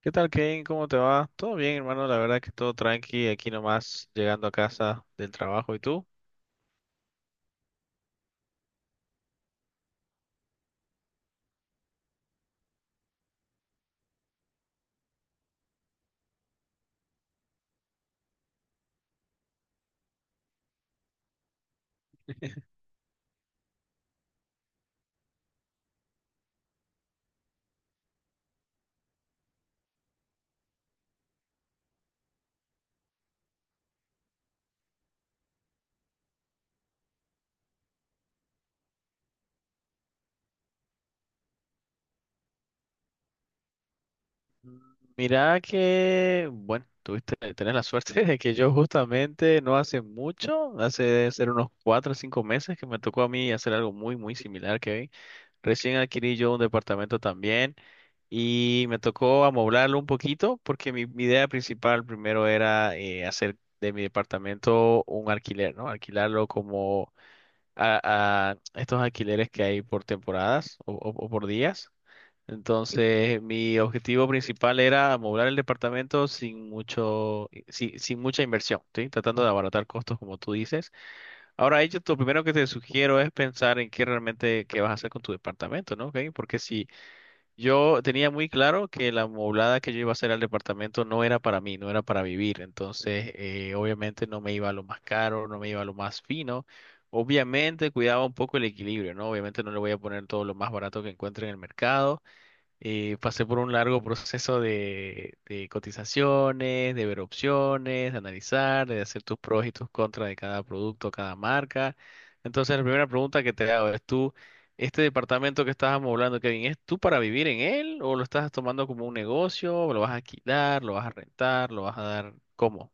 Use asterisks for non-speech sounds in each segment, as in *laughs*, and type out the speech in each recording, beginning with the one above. ¿Qué tal, Kane? ¿Cómo te va? Todo bien, hermano. La verdad que todo tranqui. Aquí nomás llegando a casa del trabajo. ¿Y tú? Mm, Mira que, bueno, tenés la suerte *laughs* de que yo justamente no hace mucho, hace debe ser unos cuatro o cinco meses que me tocó a mí hacer algo muy, muy similar, Kevin. Recién adquirí yo un departamento también y me tocó amoblarlo un poquito porque mi idea principal primero era hacer de mi departamento un alquiler, ¿no? Alquilarlo como a estos alquileres que hay por temporadas o, o por días. Entonces, mi objetivo principal era amoblar el departamento sin mucho, sin mucha inversión, ¿sí? Tratando de abaratar costos, como tú dices. Ahora, ello, lo primero que te sugiero es pensar en qué realmente qué vas a hacer con tu departamento, ¿no? ¿Ok? Porque si yo tenía muy claro que la moblada que yo iba a hacer al departamento no era para mí, no era para vivir. Entonces, obviamente no me iba a lo más caro, no me iba a lo más fino. Obviamente cuidaba un poco el equilibrio, ¿no? Obviamente no le voy a poner todo lo más barato que encuentre en el mercado. Pasé por un largo proceso de cotizaciones, de ver opciones, de analizar, de hacer tus pros y tus contras de cada producto, cada marca. Entonces, la primera pregunta que te hago es tú, este departamento que estás amoblando, Kevin, ¿es tú para vivir en él o lo estás tomando como un negocio? ¿O ¿lo vas a alquilar? ¿Lo vas a rentar? ¿Lo vas a dar? ¿Cómo?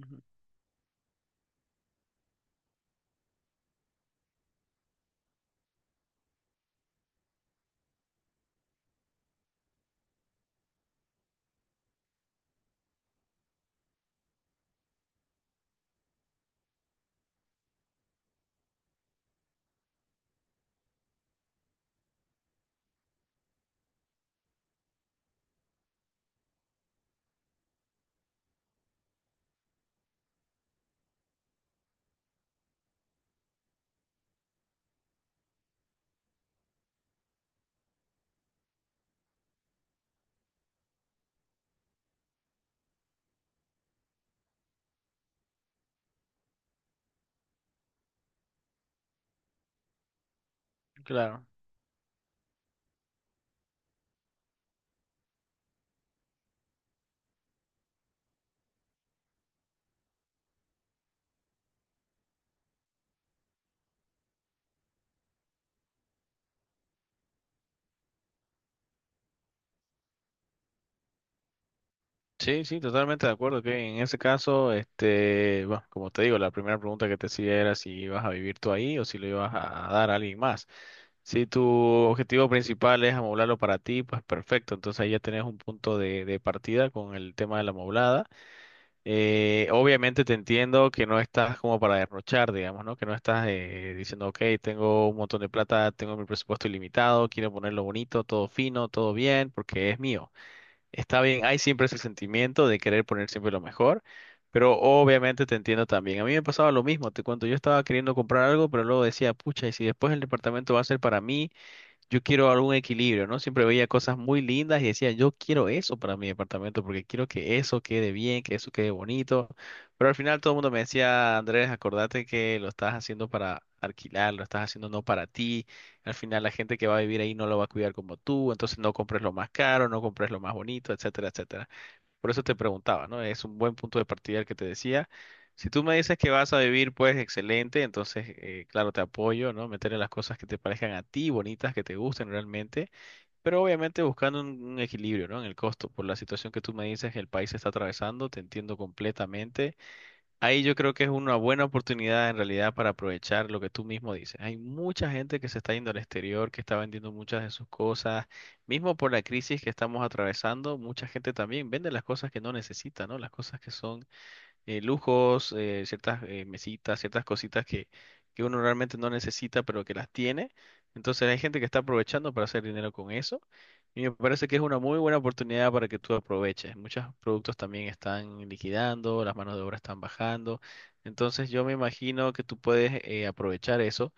Ujú. Claro. Sí, sí, totalmente de acuerdo que en ese caso, este, bueno, como te digo, la primera pregunta que te hacía era si ibas a vivir tú ahí o si lo ibas a dar a alguien más. Si tu objetivo principal es amoblarlo para ti, pues perfecto. Entonces ahí ya tenés un punto de partida con el tema de la amoblada. Obviamente te entiendo que no estás como para derrochar, digamos, ¿no? Que no estás diciendo, ok, tengo un montón de plata, tengo mi presupuesto ilimitado, quiero ponerlo bonito, todo fino, todo bien, porque es mío. Está bien, hay siempre ese sentimiento de querer poner siempre lo mejor, pero obviamente te entiendo también. A mí me pasaba lo mismo, te cuento, yo estaba queriendo comprar algo, pero luego decía, pucha, y si después el departamento va a ser para mí yo quiero algún equilibrio, ¿no? Siempre veía cosas muy lindas y decía, yo quiero eso para mi departamento porque quiero que eso quede bien, que eso quede bonito. Pero al final todo el mundo me decía, Andrés, acordate que lo estás haciendo para alquilar, lo estás haciendo no para ti. Al final la gente que va a vivir ahí no lo va a cuidar como tú, entonces no compres lo más caro, no compres lo más bonito, etcétera, etcétera. Por eso te preguntaba, ¿no? Es un buen punto de partida el que te decía. Si tú me dices que vas a vivir, pues excelente, entonces, claro, te apoyo, ¿no? Meterle las cosas que te parezcan a ti bonitas, que te gusten realmente, pero obviamente buscando un equilibrio, ¿no? En el costo, por la situación que tú me dices que el país está atravesando, te entiendo completamente. Ahí yo creo que es una buena oportunidad en realidad para aprovechar lo que tú mismo dices. Hay mucha gente que se está yendo al exterior, que está vendiendo muchas de sus cosas. Mismo por la crisis que estamos atravesando, mucha gente también vende las cosas que no necesita, ¿no? Las cosas que son lujos, ciertas mesitas, ciertas cositas que uno realmente no necesita, pero que las tiene. Entonces hay gente que está aprovechando para hacer dinero con eso. Y me parece que es una muy buena oportunidad para que tú aproveches. Muchos productos también están liquidando, las manos de obra están bajando. Entonces yo me imagino que tú puedes aprovechar eso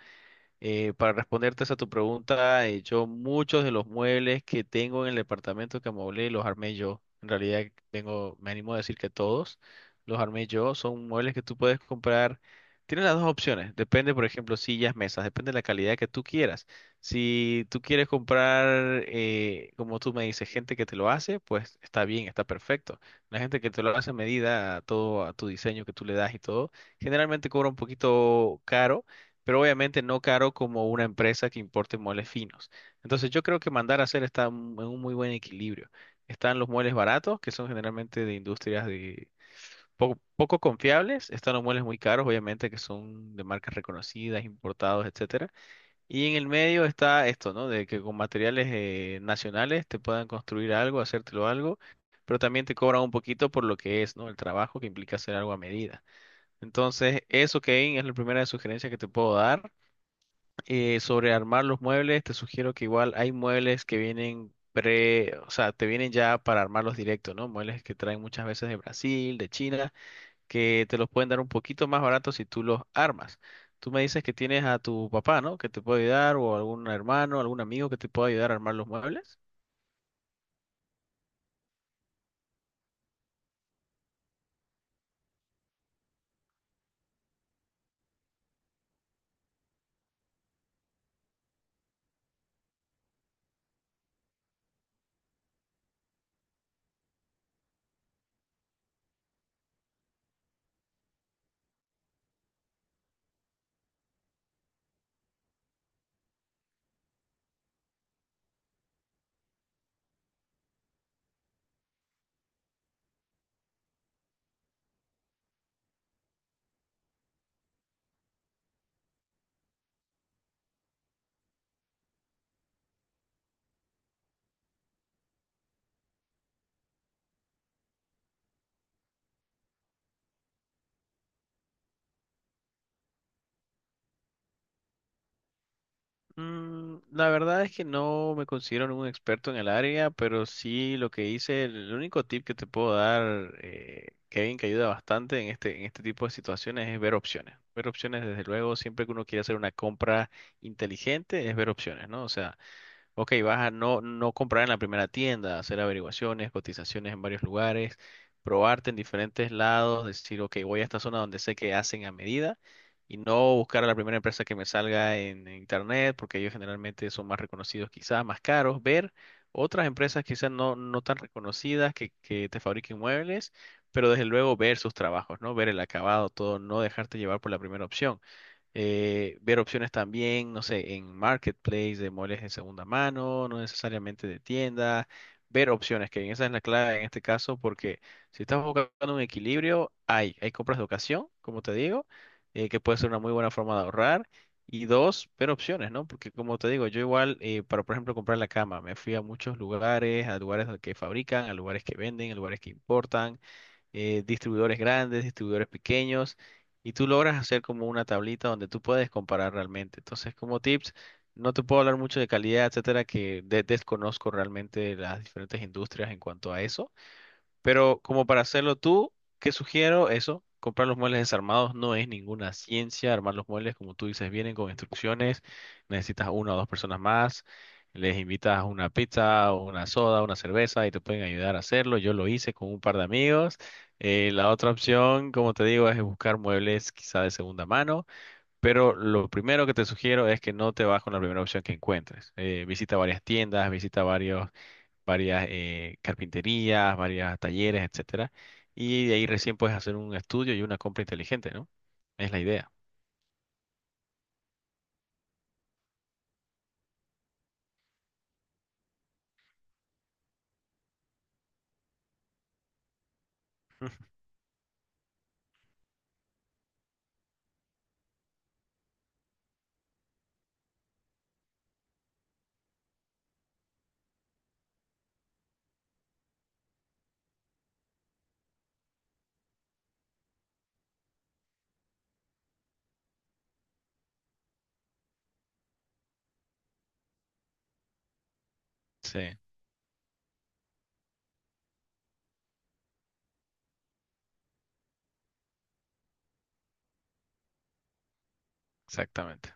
para responderte a tu pregunta, yo muchos de los muebles que tengo en el departamento que amoblé los armé yo. En realidad tengo, me animo a decir que todos los armé yo. Son muebles que tú puedes comprar. Tienes las dos opciones. Depende, por ejemplo, sillas, mesas. Depende de la calidad que tú quieras. Si tú quieres comprar, como tú me dices, gente que te lo hace, pues está bien, está perfecto. La gente que te lo hace a medida, a todo, a tu diseño que tú le das y todo, generalmente cobra un poquito caro pero obviamente no caro como una empresa que importe muebles finos. Entonces yo creo que mandar a hacer está en un muy buen equilibrio. Están los muebles baratos, que son generalmente de industrias de poco confiables, están los muebles muy caros, obviamente, que son de marcas reconocidas, importados, etcétera. Y en el medio está esto, ¿no? De que con materiales nacionales te puedan construir algo, hacértelo algo, pero también te cobran un poquito por lo que es, ¿no? El trabajo que implica hacer algo a medida. Entonces, eso, Kevin, es la primera sugerencia que te puedo dar. Sobre armar los muebles, te sugiero que igual hay muebles que vienen pre, o sea, te vienen ya para armarlos directo, ¿no? Muebles que traen muchas veces de Brasil, de China, que te los pueden dar un poquito más baratos si tú los armas. Tú me dices que tienes a tu papá, ¿no? Que te puede ayudar, o algún hermano, algún amigo que te pueda ayudar a armar los muebles. La verdad es que no me considero un experto en el área, pero sí lo que hice, el único tip que te puedo dar, Kevin, que ayuda bastante en este tipo de situaciones es ver opciones. Ver opciones, desde luego, siempre que uno quiere hacer una compra inteligente, es ver opciones, ¿no? O sea, ok, vas a no comprar en la primera tienda, hacer averiguaciones, cotizaciones en varios lugares, probarte en diferentes lados, decir, ok, voy a esta zona donde sé que hacen a medida y no buscar a la primera empresa que me salga en internet, porque ellos generalmente son más reconocidos quizás, más caros, ver otras empresas quizás no tan reconocidas que te fabriquen muebles, pero desde luego ver sus trabajos, ¿no? Ver el acabado, todo, no dejarte llevar por la primera opción ver opciones también, no sé, en marketplace de muebles de segunda mano, no necesariamente de tienda, ver opciones, que esa es la clave en este caso, porque si estás buscando un equilibrio, hay compras de ocasión, como te digo, que puede ser una muy buena forma de ahorrar. Y dos, ver opciones, ¿no? Porque como te digo, yo igual, para por ejemplo comprar la cama, me fui a muchos lugares, a lugares que fabrican, a lugares que venden, a lugares que importan distribuidores grandes, distribuidores pequeños, y tú logras hacer como una tablita donde tú puedes comparar realmente. Entonces, como tips, no te puedo hablar mucho de calidad, etcétera, que desconozco realmente las diferentes industrias en cuanto a eso pero como para hacerlo tú, ¿qué sugiero? Eso, comprar los muebles desarmados no es ninguna ciencia. Armar los muebles, como tú dices, vienen con instrucciones. Necesitas una o dos personas más. Les invitas una pizza o una soda, una cerveza y te pueden ayudar a hacerlo. Yo lo hice con un par de amigos. La otra opción, como te digo, es buscar muebles quizá de segunda mano. Pero lo primero que te sugiero es que no te vas con la primera opción que encuentres. Visita varias tiendas, visita varios varias carpinterías, varios talleres, etcétera. Y de ahí recién puedes hacer un estudio y una compra inteligente, ¿no? Es la idea. Sí, exactamente.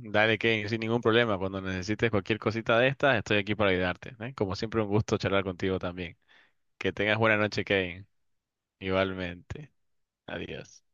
Dale, Kevin, sin ningún problema. Cuando necesites cualquier cosita de estas, estoy aquí para ayudarte, ¿eh? Como siempre, un gusto charlar contigo también. Que tengas buena noche, Kevin. Igualmente. Adiós.